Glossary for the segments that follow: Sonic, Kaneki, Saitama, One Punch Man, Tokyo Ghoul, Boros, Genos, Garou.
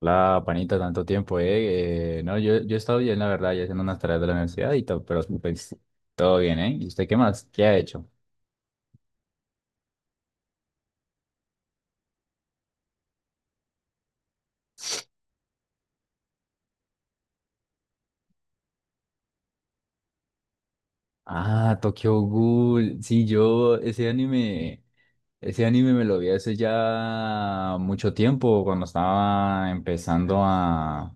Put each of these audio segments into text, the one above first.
La panita, tanto tiempo, ¿eh? No, yo he estado bien, la verdad, ya haciendo unas tareas de la universidad y todo, pero pues, todo bien, ¿eh? ¿Y usted qué más? ¿Qué ha hecho? Ah, Tokyo Ghoul. Sí, yo ese anime me lo vi hace ya mucho tiempo, cuando estaba empezando a,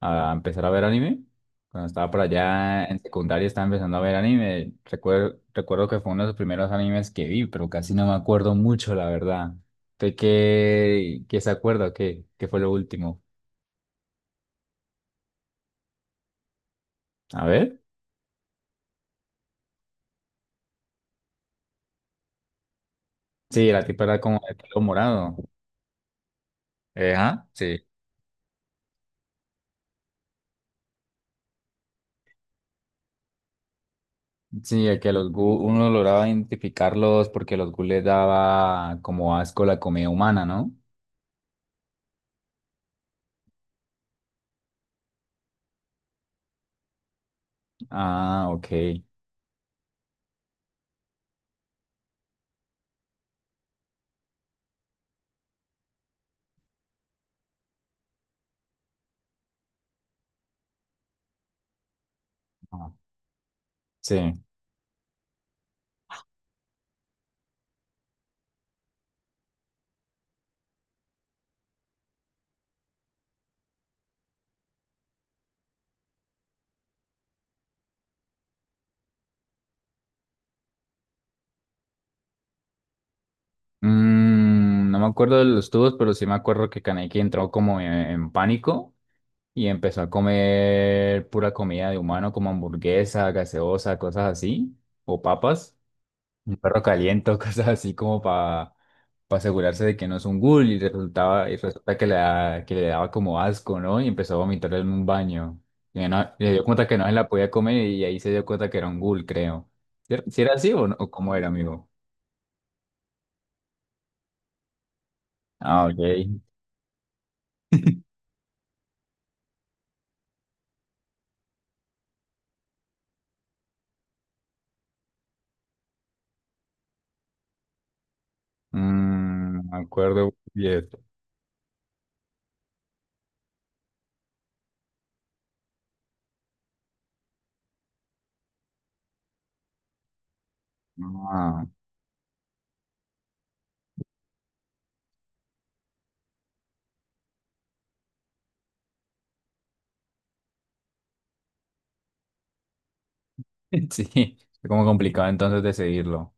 a empezar a ver anime. Cuando estaba por allá en secundaria estaba empezando a ver anime. Recuerdo que fue uno de los primeros animes que vi, pero casi no me acuerdo mucho, la verdad. ¿Usted qué se acuerda? ¿Qué fue lo último? A ver. Sí, la tipa era como de pelo morado. ¿Ah? Sí. Sí, el que los gu uno lograba identificarlos porque los gu les daba como asco la comida humana, ¿no? Ah, ok. Ah, sí. No me acuerdo de los tubos, pero sí me acuerdo que Kaneki entró como en pánico y empezó a comer pura comida de humano, como hamburguesa, gaseosa, cosas así, o papas, un perro caliente, o cosas así como para asegurarse de que no es un ghoul y resulta que le daba como asco, ¿no? Y empezó a vomitar en un baño. Y le dio cuenta que no se la podía comer y ahí se dio cuenta que era un ghoul, creo. ¿Si era así o no? ¿O cómo era, amigo? Ah, ok. Mm, me acuerdo y esto. Ah, sí, es como complicado entonces decidirlo.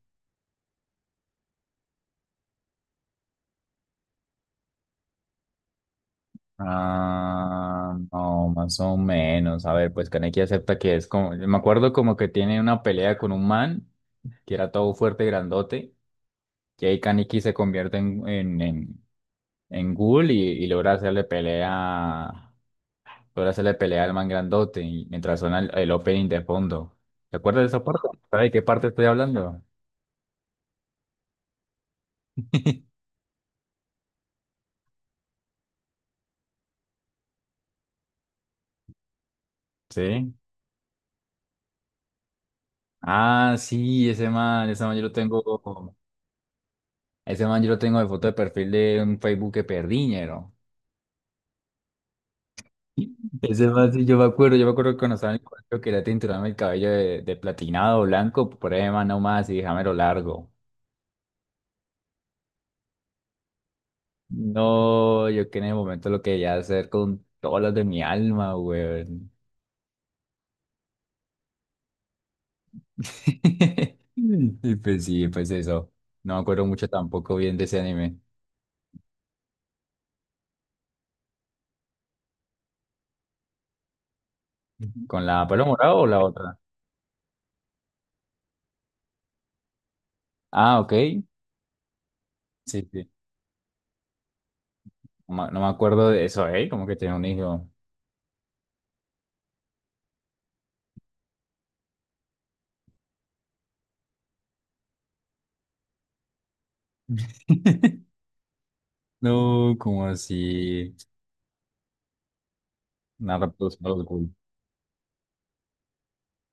Ah, no, más o menos. A ver, pues Kaneki acepta que es como. Me acuerdo como que tiene una pelea con un man que era todo fuerte y grandote. Y ahí Kaneki se convierte en ghoul y logra hacerle pelea. Logra hacerle pelea al man grandote y mientras suena el opening de fondo. ¿Te acuerdas de esa parte? ¿Sabes de qué parte estoy hablando? Sí. Ah, sí, ese man yo lo tengo de foto de perfil de un Facebook que perdí, ñero. Ese man, sí, yo me acuerdo, que cuando estaba en el colegio quería tinturarme el cabello de platinado blanco, por ahí man nomás y dejámelo largo. No, yo que en el momento lo quería hacer con todas las de mi alma, weón. Y pues sí, pues eso. No me acuerdo mucho tampoco bien de ese anime. ¿Con la pelo morado o la otra? Ah, ok. Sí, sí, no me acuerdo de eso, ¿eh? Como que tenía un hijo. No, como así. Nada, pues, no, güey.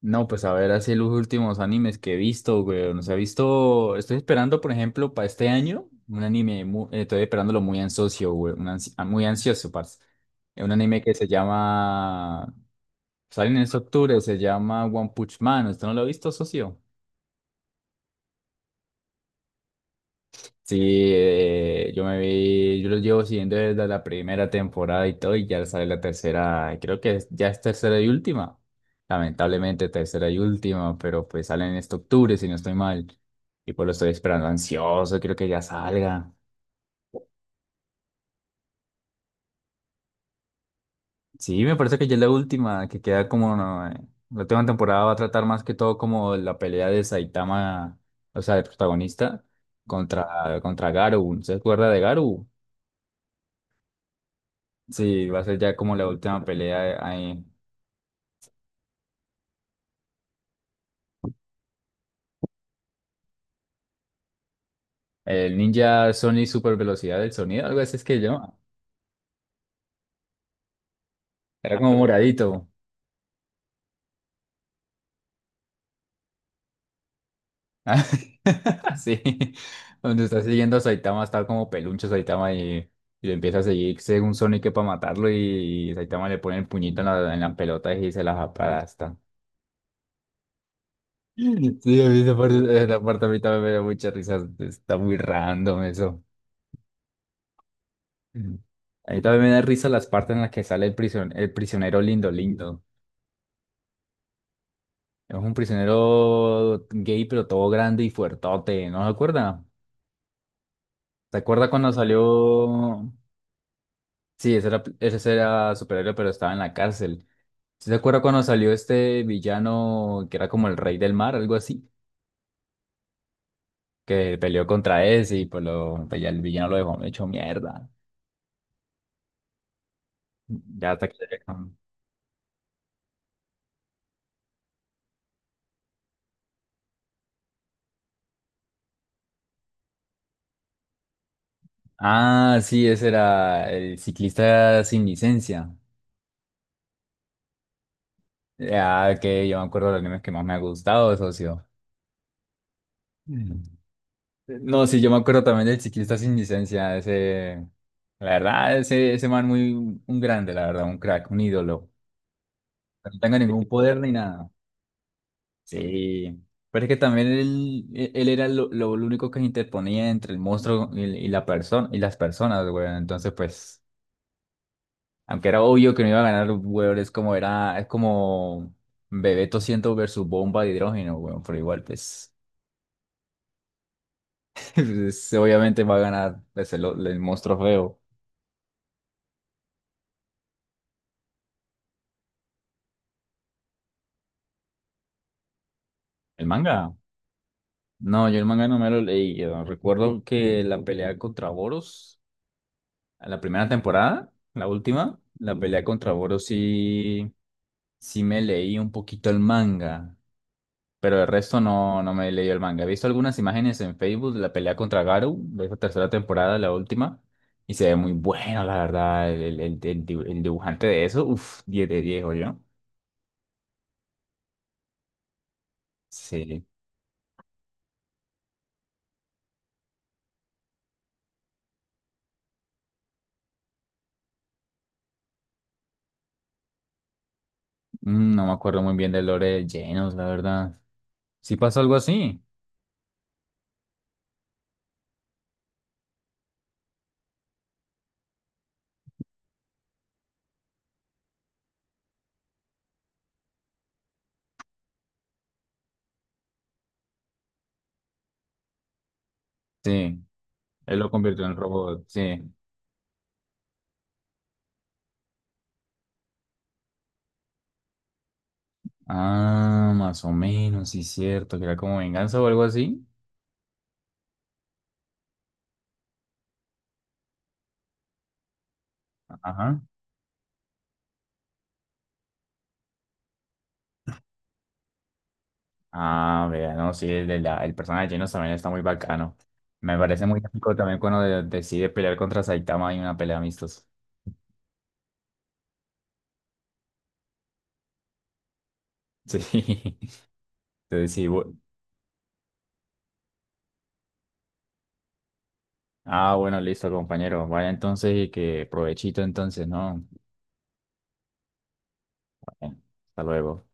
No, pues a ver, así los últimos animes que he visto, güey. No se ha visto. Estoy esperando, por ejemplo, para este año, un anime. Estoy esperándolo muy ansioso, güey. Muy ansioso, parce. Es un anime que se llama. Sale en este octubre, se llama One Punch Man. ¿Usted no lo ha visto, socio? Sí, yo los llevo siguiendo desde la primera temporada y todo, y ya sale la tercera, creo que ya es tercera y última, lamentablemente tercera y última, pero pues salen en este octubre, si no estoy mal, y pues lo estoy esperando ansioso, creo que ya salga. Sí, me parece que ya es la última, que queda como, no, la última temporada va a tratar más que todo como la pelea de Saitama, o sea, el protagonista, contra, Garou, ¿se acuerda de Garou? Sí, va a ser ya como la última pelea ahí. El Ninja Sony Super Velocidad del Sonido, algo así es que yo. Era, ah, como pero moradito. Sí. Donde está siguiendo a Saitama, está como peluncho Saitama y, lo empieza a seguir según Sonic para matarlo y Saitama le pone el puñito en la pelota y se las aplasta. Sí, a mí esa parte a mí también me da mucha risa. Está muy random eso. Mm. A mí también me da risa las partes en las que sale el el prisionero lindo, lindo. Es un prisionero gay, pero todo grande y fuertote, ¿no se acuerda? ¿Se acuerda cuando salió? Sí, ese era superhéroe, pero estaba en la cárcel. ¿Sí se acuerda cuando salió este villano que era como el rey del mar, algo así? Que peleó contra ese y pues, pues ya el villano lo dejó hecho mierda. Ya hasta que... Ah, sí, ese era el ciclista sin licencia. Ya que yo me acuerdo de los animes que más me ha gustado, socio. No, sí, yo me acuerdo también del ciclista sin licencia, ese, la verdad, ese man muy, un grande, la verdad, un crack, un ídolo. No tenga ningún poder ni nada. Sí, pero es que también él era lo único que se interponía entre el monstruo y la persona, y las personas, güey. Entonces, pues, aunque era obvio que no iba a ganar, güey, es como Bebeto 100 versus Bomba de Hidrógeno, güey, pero igual, pues, pues, obviamente va a ganar pues, el monstruo feo. El manga. No, yo el manga no me lo leí. Yo recuerdo que la pelea contra Boros, en la primera temporada, la última, la pelea contra Boros sí, sí me leí un poquito el manga, pero el resto no, no me leí el manga. He visto algunas imágenes en Facebook de la pelea contra Garou, de esa tercera temporada, la última, y se ve muy bueno, la verdad, el dibujante de eso, uff, 10 de 10, yo. Sí, no me acuerdo muy bien del lore de Genos, la verdad. Sí pasó algo así. Sí. Él lo convirtió en robot, sí. Ah, más o menos, sí, cierto, que era como venganza o algo así. Ajá. Ah, vea, no, sí, el personaje de Genos también está muy bacano. Me parece muy épico también cuando decide pelear contra Saitama en una pelea amistosa. Sí. Entonces, sí, bueno, listo, compañero. Vaya entonces y que provechito entonces, ¿no? Bueno, hasta luego.